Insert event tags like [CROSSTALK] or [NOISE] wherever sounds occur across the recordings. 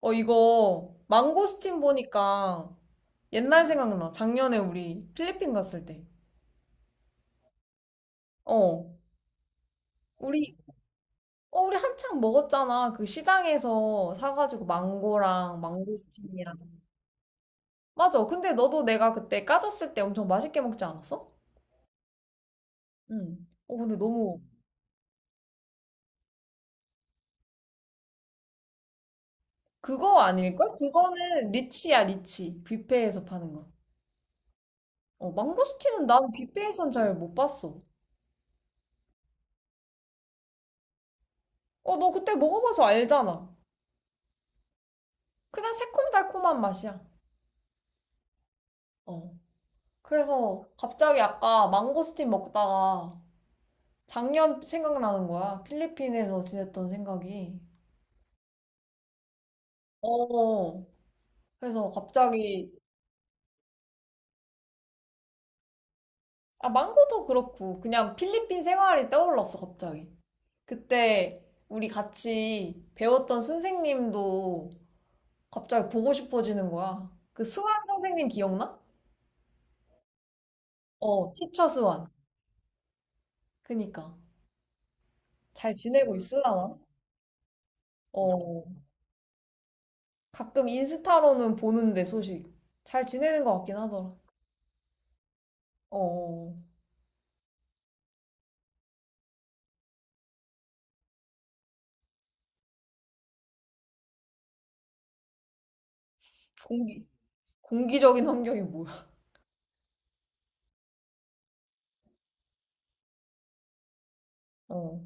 어, 이거 망고스틴 보니까 옛날 생각나. 작년에 우리 필리핀 갔을 때. 어, 우리, 우리 한창 먹었잖아. 그 시장에서 사가지고 망고랑 망고스틴이랑. 맞아. 근데 너도 내가 그때 까졌을 때 엄청 맛있게 먹지 않았어? 응. 그거 아닐걸? 그거는 리치야, 리치. 뷔페에서 파는 거. 어, 망고스틴은 난 뷔페에선 잘 못 봤어. 어, 너 그때 먹어봐서 알잖아. 그냥 새콤달콤한 맛이야. 어. 그래서 갑자기 아까 망고스틴 먹다가 작년 생각나는 거야. 필리핀에서 지냈던 생각이. 어, 그래서 갑자기, 아, 망고도 그렇고, 그냥 필리핀 생활이 떠올랐어, 갑자기. 그때 우리 같이 배웠던 선생님도 갑자기 보고 싶어지는 거야. 그 수완 선생님 기억나? 어, 티처 수완. 그니까. 잘 지내고 있으려나? 어, 가끔 인스타로는 보는데 소식. 잘 지내는 것 같긴 하더라. 어. 공기 공기적인 환경이 뭐야? [LAUGHS] 어.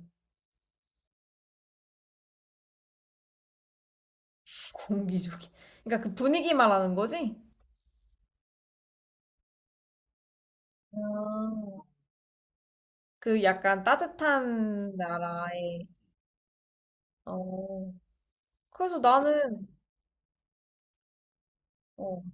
공기적인. 그러니까 그 분위기 말하는 거지? 아. 그 약간 따뜻한 나라의. 어. 그래서 나는. 어.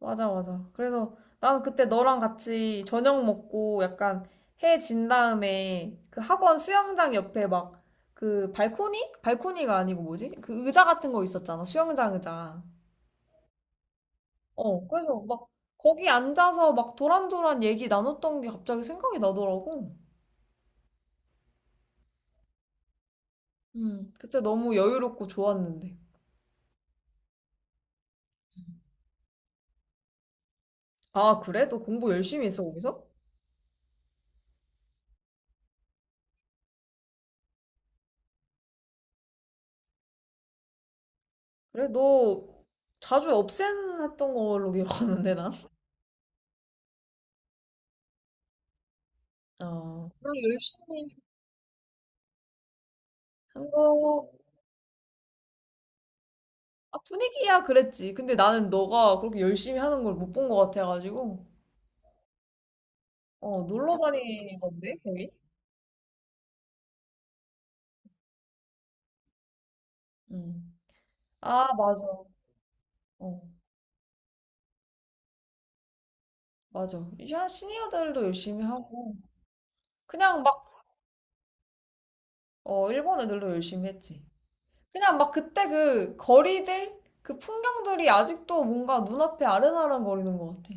맞아 맞아. 그래서 나는 그때 너랑 같이 저녁 먹고 약간 해진 다음에 그 학원 수영장 옆에 막 그 발코니? 발코니가 아니고 뭐지? 그 의자 같은 거 있었잖아. 수영장 의자. 어, 그래서 막 거기 앉아서 막 도란도란 얘기 나눴던 게 갑자기 생각이 나더라고. 그때 너무 여유롭고 좋았는데. 아, 그래? 너 공부 열심히 했어, 거기서? 그래, 너 자주 업센했던 걸로 기억하는데, 난? 어, 나 열심히 한 거, 아, 분위기야, 그랬지. 근데 나는 너가 그렇게 열심히 하는 걸 못 본 것 같아가지고. 어, 놀러 다니는 건데, 거기? 음. 아, 맞아. 어, 맞아. 야, 시니어들도 열심히 하고. 그냥 어, 일본애들도 열심히 했지. 그냥 막 그때 그 거리들, 그 풍경들이 아직도 뭔가 눈앞에 아른아른 거리는 것 같아.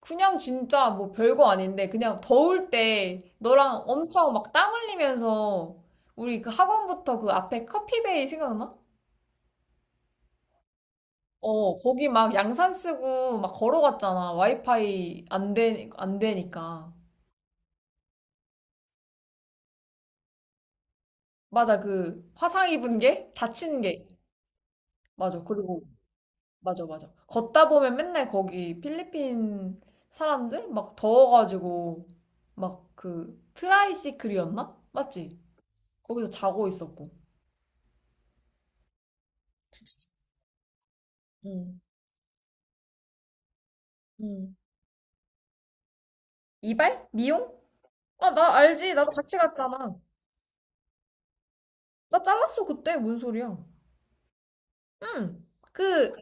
그냥 진짜 뭐 별거 아닌데, 그냥 더울 때 너랑 엄청 막 땀 흘리면서 우리 그 학원부터 그 앞에 커피베이 생각나? 어, 거기 막 양산 쓰고 막 걸어갔잖아. 와이파이 안 되니까. 맞아, 그 화상 입은 게? 다친 게. 맞아. 그리고 맞아, 맞아. 걷다 보면 맨날 거기 필리핀 사람들 막 더워가지고 막 그 트라이시클이었나? 맞지? 거기서 자고 있었고. 진짜. 응, 응. 이발? 미용? 아, 나 알지. 나도 같이 갔잖아. 나 잘랐어, 그때. 뭔 소리야. 응. 그,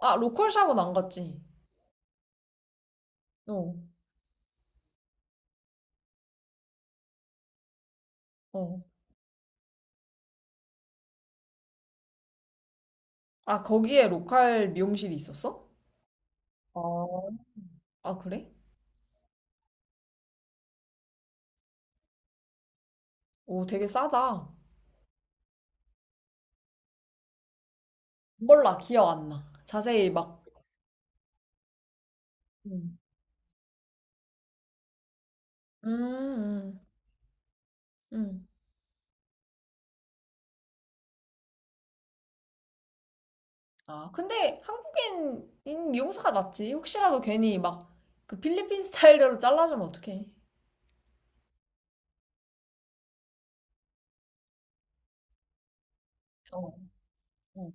아, 로컬 샵은 안 갔지. 어, 어. 아, 거기에 로컬 미용실이 있었어? 아, 아, 그래? 오, 되게 싸다. 몰라, 기억 안 나. 자세히 막. 음. 음, 음. 아, 근데 한국인인 미용사가 낫지. 혹시라도 괜히 막 그 필리핀 스타일로 잘라주면 어떡해. 어, 어.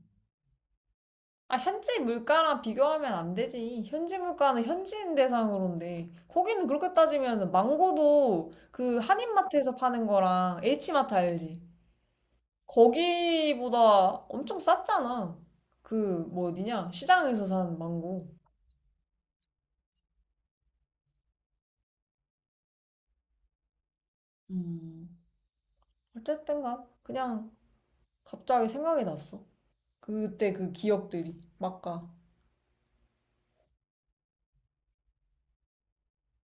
아, 현지 물가랑 비교하면 안 되지. 현지 물가는 현지인 대상으로인데. 거기는 그렇게 따지면 망고도 그 한인마트에서 파는 거랑 H마트 알지? 거기보다 엄청 쌌잖아. 그, 뭐 어디냐? 시장에서 산 망고. 음. 어쨌든 간 그냥 갑자기 생각이 났어. 그때 그 기억들이 막 가.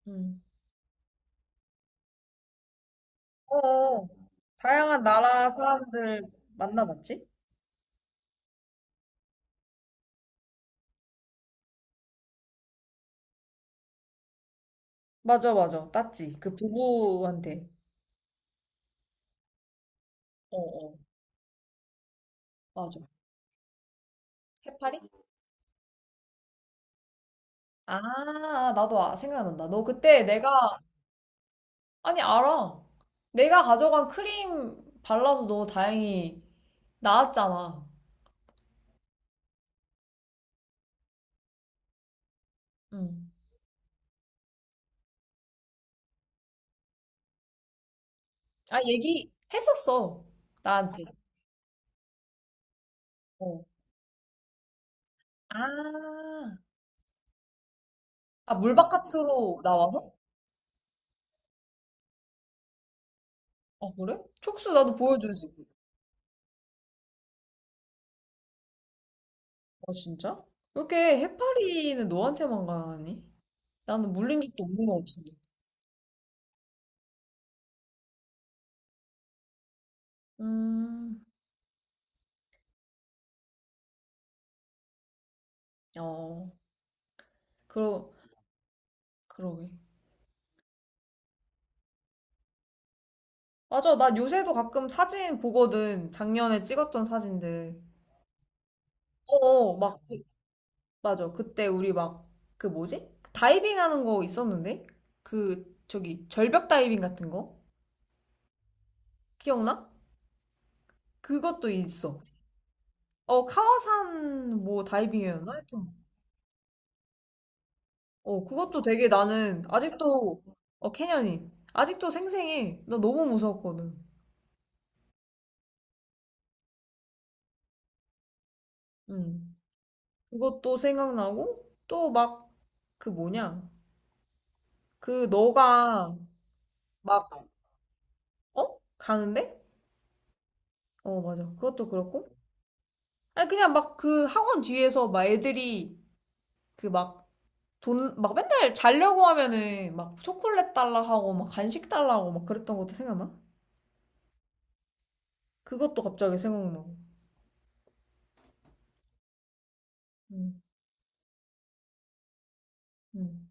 음. 어, 다양한 나라 사람들 만나봤지? 맞아, 맞아. 땄지. 그 부부한테. 어, 어, 맞아. 해파리? 아, 나도 아, 생각난다. 아니, 알아. 내가 가져간 크림 발라서 너 다행히 나았잖아. 응. 아, 얘기했었어. 나한테. 어. 아, 아, 물바깥으로 나와서? 아, 그래? 촉수 나도 보여줄 수 있어. 아, 진짜? 왜 이렇게 해파리는 너한테만 가니? 나는 물린 적도 없는 거 같은데. 음, 어, 그러, 그러게. 맞아, 나 요새도 가끔 사진 보거든. 작년에 찍었던 사진들. 어어, 막, 그- 맞아. 그 뭐지? 다이빙 하는 거 있었는데? 그, 저기, 절벽 다이빙 같은 거? 기억나? 그것도 있어. 어, 카와산 뭐 다이빙이었나? 하여튼 어, 그것도 되게 나는 아직도, 어, 캐년이. 아직도 생생해. 나 너무 무서웠거든. 음. 그것도 생각나고, 또 막, 그 뭐냐. 그 너가 막, 어? 가는데? 어, 맞아. 그것도 그렇고. 아니, 그냥 막 그 학원 뒤에서 막 애들이 그 막, 돈, 막 맨날 자려고 하면은 막 초콜릿 달라 하고 막 간식 달라 하고 막 그랬던 것도 생각나? 그것도 갑자기 생각나고. 음, 음.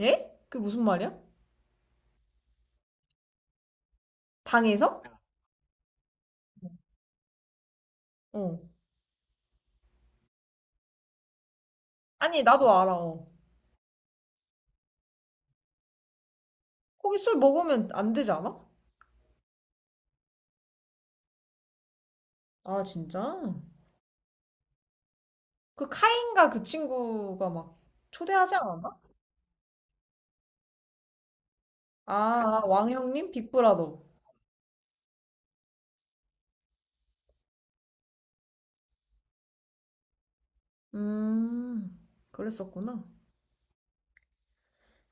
예? 그게 무슨 말이야? 방에서? 어. 아니, 나도 알아. 어. 거기 술 먹으면 안 되지 않아? 아, 진짜? 그 카인가 그 친구가 막 초대하지 않았나? 아, 아, 왕형님? 빅브라더. 음, 그랬었구나.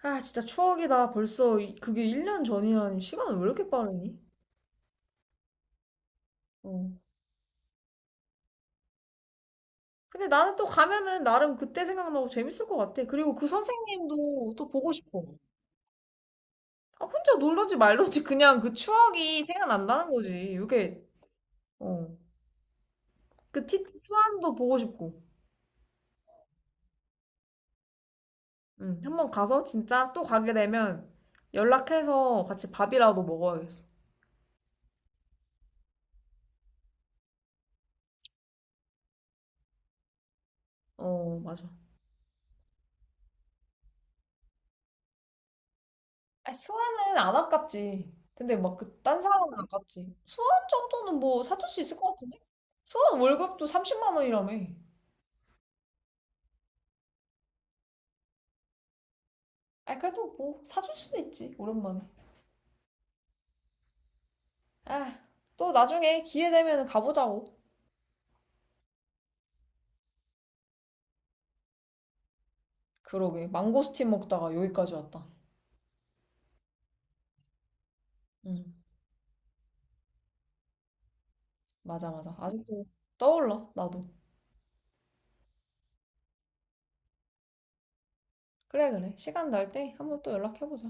아, 진짜 추억이다. 벌써 그게 1년 전이라니. 시간은 왜 이렇게 빠르니? 어. 근데 나는 또 가면은 나름 그때 생각나고 재밌을 것 같아. 그리고 그 선생님도 또 보고 싶어. 아, 혼자 놀러지 말러지. [LAUGHS] 그냥 그 추억이 생각난다는 거지. 이게, 어. 그 티, 수환도 보고 싶고. 응 한번 가서 진짜 또 가게 되면 연락해서 같이 밥이라도 먹어야겠어. 어, 맞아. 아, 수원은 안 아깝지. 근데 막 그 딴 사람은 아깝지. 수원 정도는 뭐 사줄 수 있을 것 같은데? 수원 월급도 30만 원이라며. 아, 그래도 뭐 사줄 수도 있지, 오랜만에. 아, 또 나중에 기회 되면 가보자고. 그러게, 망고스틴 먹다가 여기까지 왔다. 응, 맞아, 맞아. 아직도 떠올라, 나도. 그래, 그래. 시간 날 때 한번 또 연락해보자.